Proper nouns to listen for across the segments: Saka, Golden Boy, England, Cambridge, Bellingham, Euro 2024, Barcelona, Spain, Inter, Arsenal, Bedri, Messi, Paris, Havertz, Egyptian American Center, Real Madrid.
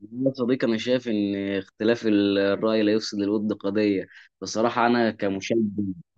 والله يا صديقي، أنا شايف إن اختلاف الرأي لا يفسد الود قضية. بصراحة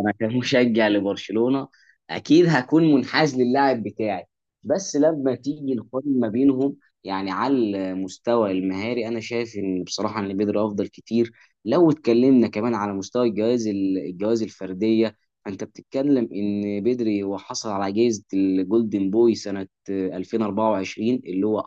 أنا كمشجع لبرشلونة. أكيد هكون منحاز للاعب بتاعي. بس لما تيجي نقارن ما بينهم، يعني على المستوى المهاري أنا شايف إن، بصراحة، إن بيدري أفضل كتير. لو اتكلمنا كمان على مستوى الجوائز الجوائز الفردية، أنت بتتكلم إن بيدري وحصل على جائزة الجولدن بوي سنة 2024، اللي هو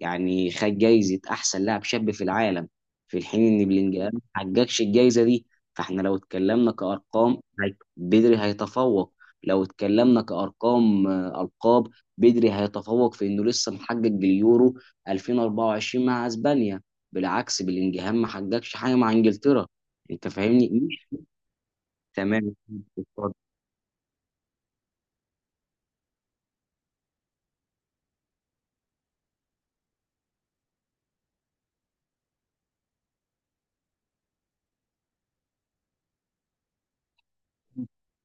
يعني خد جايزة أحسن لاعب شاب في العالم، في الحين إن بلينجهام ما حققش الجايزة دي. فإحنا لو اتكلمنا كأرقام، بدري هيتفوق. لو اتكلمنا كأرقام ألقاب، بدري هيتفوق في إنه لسه محقق اليورو 2024 مع أسبانيا. بالعكس بلينجهام ما حققش حاجة مع إنجلترا. أنت فاهمني؟ مش. تمام.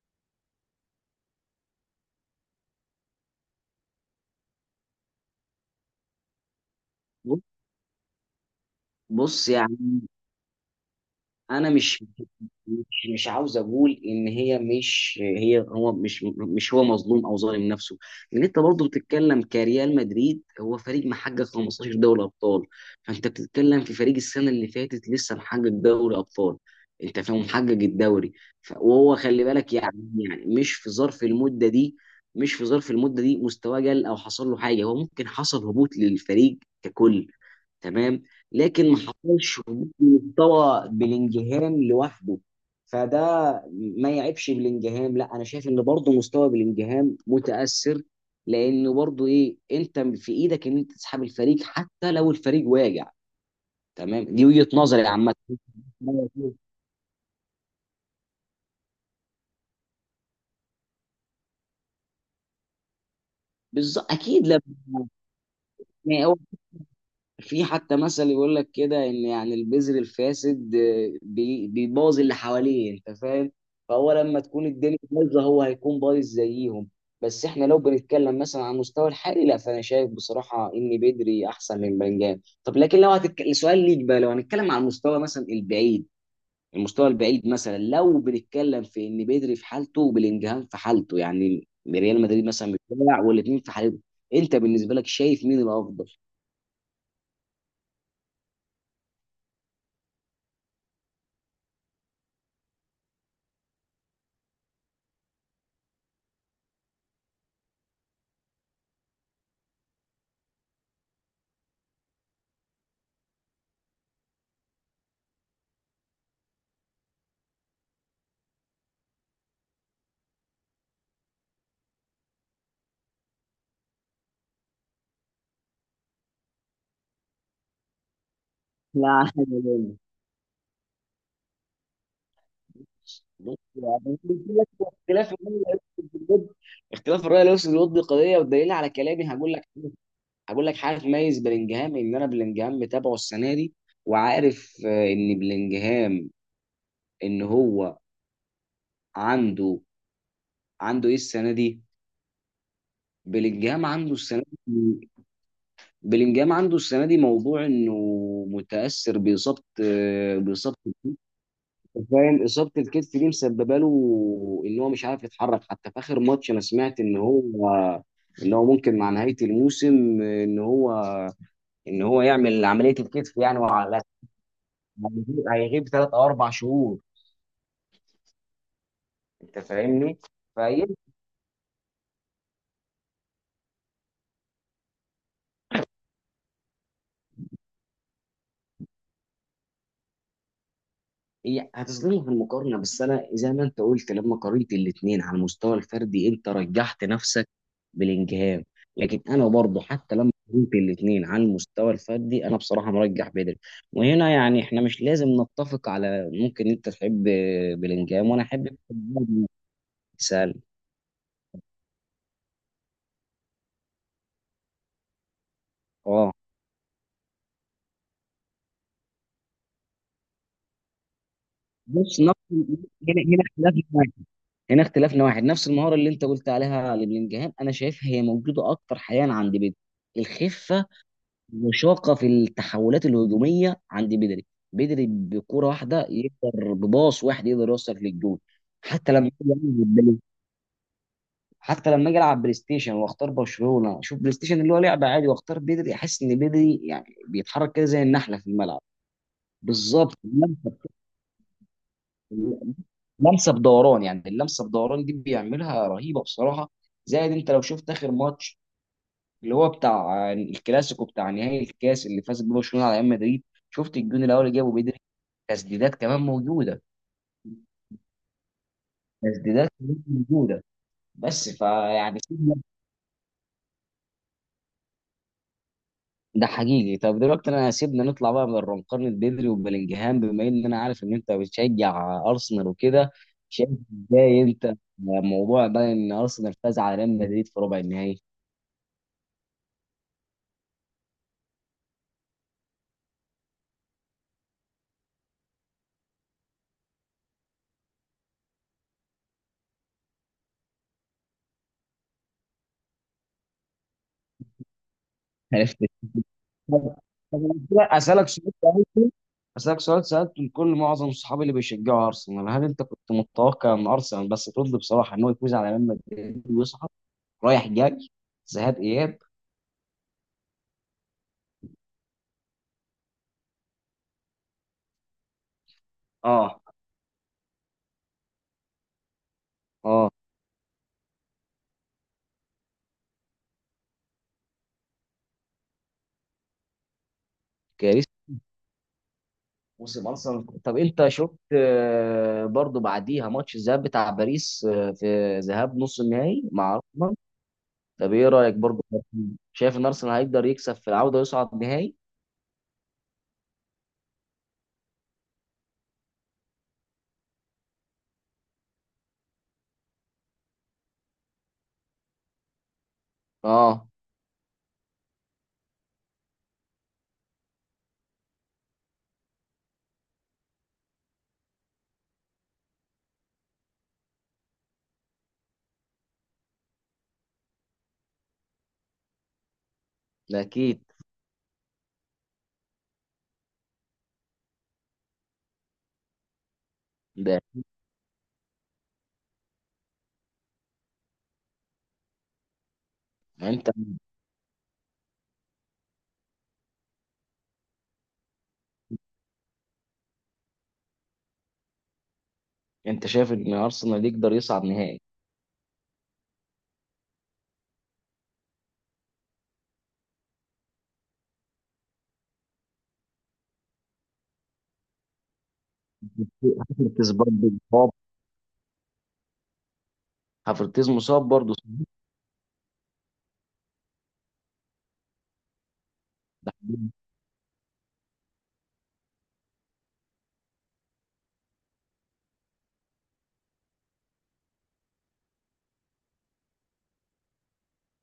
بص يعني، انا مش مش مش عاوز اقول ان هي مش هي هو مش مش هو مظلوم او ظالم نفسه. لان انت برضه بتتكلم كريال مدريد، هو فريق محقق 15 دوري ابطال. فانت بتتكلم في فريق السنه اللي فاتت لسه محقق دوري ابطال، انت فاهم، محقق الدوري. وهو خلي بالك يعني، يعني مش في ظرف المده دي، مش في ظرف المده دي مستواه قل او حصل له حاجه، هو ممكن حصل هبوط للفريق ككل. تمام. لكن ما حصلش هبوط مستوى بلينجهام لوحده. فده ما يعيبش بلينجهام، لا، انا شايف ان برضه مستوى بلينجهام متاثر، لان برضه ايه، انت في ايدك ان انت تسحب الفريق حتى لو الفريق واجع. تمام، دي وجهه نظري عامه. بالظبط، اكيد لما، في حتى مثل يقول لك كده ان يعني البذر الفاسد بيبوظ اللي حواليه، انت فاهم. فهو لما تكون الدنيا بايظه هو هيكون بايظ زيهم. بس احنا لو بنتكلم مثلا على المستوى الحالي، لا، فانا شايف بصراحه ان بدري احسن من بنجام. طب لكن لو هتتكلم، سؤال ليك بقى، لو هنتكلم على المستوى مثلا البعيد. المستوى البعيد مثلا، لو بنتكلم في ان بدري في حالته وبلينجهام في حالته يعني، ريال مدريد مثلا بتلعب والاثنين في حالته، انت بالنسبه لك شايف مين الافضل؟ لا. بص يعني، اختلاف اختلاف الرأي الوسط بالود اختلاف الرأي الوسط بالود دي قضية. والدليل على كلامي هقول لك حاجة تميز بلينجهام، ان انا بلينجهام متابعه السنة دي وعارف ان بلينجهام، ان هو عنده عنده ايه السنة دي. بلينجهام عنده السنة دي بلينجهام عنده السنة دي موضوع انه متأثر بإصابة، فاهم، اصابه الكتف دي مسببه له ان هو مش عارف يتحرك. حتى في اخر ماتش انا سمعت ان هو، ممكن مع نهايه الموسم ان هو، يعمل عمليه الكتف يعني، وعلى هيغيب 3 او 4 شهور. انت فاهمني؟ هي هتظلمه في المقارنه، بس انا زي ما انت قلت، لما قارنت الاثنين على المستوى الفردي انت رجحت نفسك بلينجهام. لكن انا برضه، حتى لما قارنت الاثنين على المستوى الفردي، انا بصراحه مرجح بدري. وهنا يعني احنا مش لازم نتفق. على ممكن انت تحب بلينجهام وانا احب. سال. اه. بص نفس. هنا هنا اختلافنا واحد هنا اختلافنا واحد. نفس المهاره اللي انت قلت عليها لبلينجهام، انا شايفها هي موجوده اكتر حاليا عند بيدري. الخفه. مشاقة في التحولات الهجومية عند بدري. بدري بكرة واحدة يقدر، بباص واحد يقدر يوصل للجول. حتى لما أجي ألعب بلاي- حتى لما اجي العب بلاي ستيشن واختار برشلونة، اشوف بلاي ستيشن اللي هو لعبة عادي، واختار بدري، احس ان بدري يعني بيتحرك كده زي النحلة في الملعب. بالظبط، اللمسة. لمسه بدوران يعني، اللمسه بدوران دي بيعملها رهيبه بصراحه. زائد انت لو شفت اخر ماتش، اللي هو بتاع الكلاسيكو بتاع نهائي الكاس اللي فاز بيه برشلونه على ريال مدريد، شفت الجون الاول اللي جابه بدري. تسديدات كمان موجوده. تسديدات كمان موجوده، بس فيعني، سيبنا. ده حقيقي. طب دلوقتي انا، سيبنا نطلع بقى من نقارنة بدري وبلينجهام، بما ان انا عارف ان انت بتشجع ارسنال وكده، شايف ازاي انت موضوع بقى ان ارسنال فاز على ريال مدريد في ربع النهائي؟ عرفت. طب طب أنا اسالك سؤال سالته لكل معظم صحابي اللي بيشجعوا ارسنال. هل انت كنت متوقع ان ارسنال، بس ترد بصراحه، ان هو يفوز على ريال مدريد ويصعد، رايح جاي، ذهاب اياب؟ اه. اه. كارثه. موسم ارسنال، طب انت شفت برضو بعديها ماتش الذهاب بتاع باريس، في ذهاب نص النهائي مع ارسنال. طب ايه رايك برضو؟ شايف ان ارسنال هيقدر يكسب في العوده ويصعد نهائي؟ اه. ده اكيد. ده انت، شايف ان ارسنال يقدر يصعد نهائي؟ هافرتز برضو مصاب. هافرتز مصاب برضو، ده حقيقي.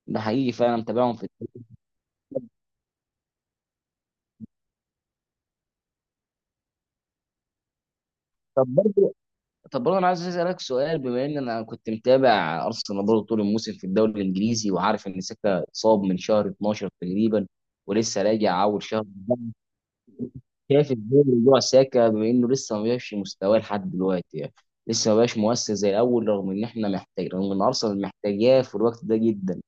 ده حقيقي، فعلا متابعهم في التاريخ. طب برضو، طب برضه انا عايز اسالك سؤال، بما ان انا كنت متابع ارسنال برضه طول الموسم في الدوري الانجليزي، وعارف ان ساكا اتصاب من شهر 12 تقريبا ولسه راجع اول شهر. شايف ازاي موضوع ساكا، بما انه لسه ما بقاش في مستواه لحد دلوقتي يعني، لسه ما بقاش مؤثر زي الاول، رغم ان ارسنال محتاجاه في الوقت ده جدا؟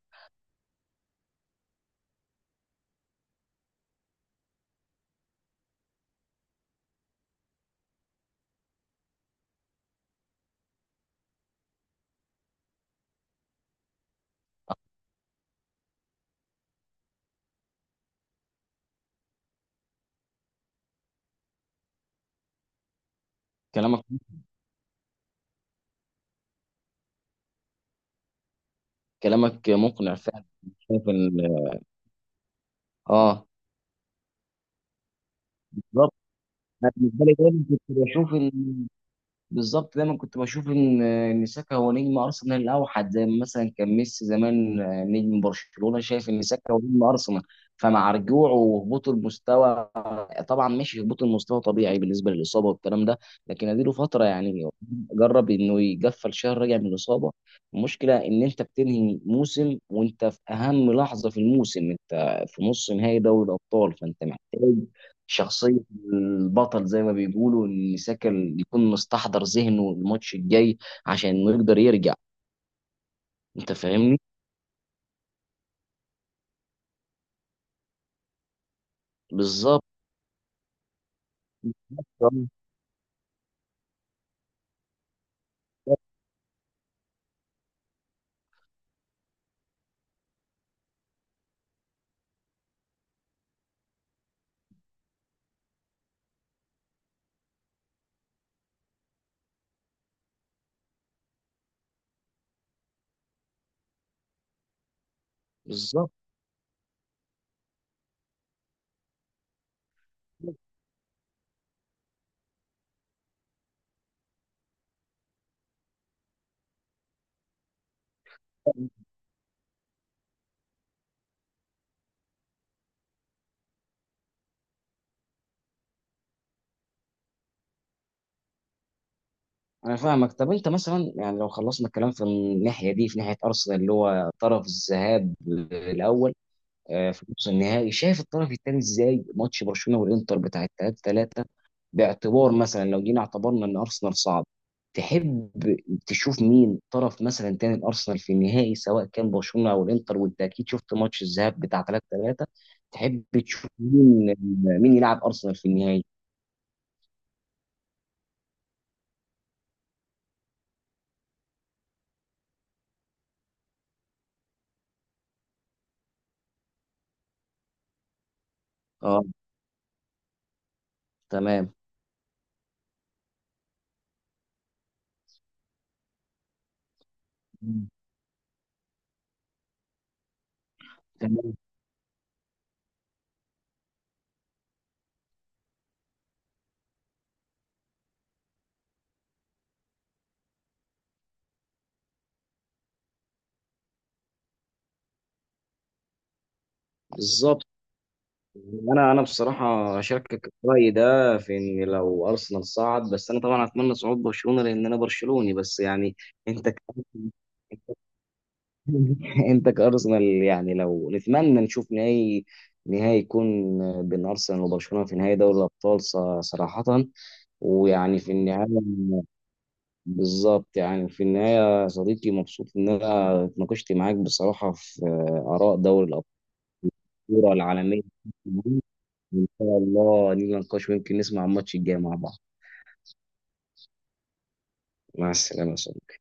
كلامك. كلامك مقنع فعلا. شايف ان. اه. بالظبط. انا بالنسبه لي دايما كنت بشوف ان، بالظبط، دايما كنت بشوف ان ساكا هو نجم ارسنال الاوحد، زي ما مثلا كان ميسي زمان نجم برشلونه، شايف ان ساكا هو نجم ارسنال. فمع رجوعه وهبوط المستوى، طبعا ماشي، هبوط المستوى طبيعي بالنسبه للاصابه والكلام ده. لكن اديله فتره يعني، جرب انه يقفل شهر راجع من الاصابه. المشكله ان انت بتنهي موسم وانت في اهم لحظه في الموسم، انت في نص نهائي دوري الابطال، فانت محتاج شخصية البطل، زي ما بيقولوا، إن ساكا يكون مستحضر ذهنه الماتش الجاي، عشان إنه يقدر يرجع. أنت فاهمني؟ بالظبط، بالظبط. أنا فاهمك. طب أنت مثلا يعني، لو خلصنا الكلام في الناحية دي، في ناحية أرسنال اللي هو طرف الذهاب الأول في نص النهائي، شايف الطرف الثاني إزاي؟ ماتش برشلونة والإنتر بتاع 3-3. باعتبار مثلا لو جينا اعتبرنا ان ارسنال صعد، تحب تشوف مين طرف مثلا تاني الارسنال في النهائي، سواء كان برشلونه او الانتر؟ وانت اكيد شفت ماتش الذهاب بتاع 3-3. تحب تشوف مين يلعب ارسنال في النهائي؟ اه. تمام، تمام، بالظبط. انا بصراحه اشاركك الراي ده في ان لو ارسنال صعد. بس انا طبعا اتمنى صعود برشلونه، لان انا برشلوني. بس يعني، انت ك- انت كارسنال، يعني لو نتمنى نشوف نهائي يكون بين ارسنال وبرشلونه في نهائي دوري الابطال، صراحه. ويعني في النهايه، بالظبط، يعني في النهايه يا صديقي، مبسوط ان انا اتناقشت معاك بصراحه في اراء دوري الابطال. الكرة العالميه. وان شاء الله نيجي نناقش، ويمكن نسمع الماتش الجاي مع بعض. مع السلامه يا صديقي.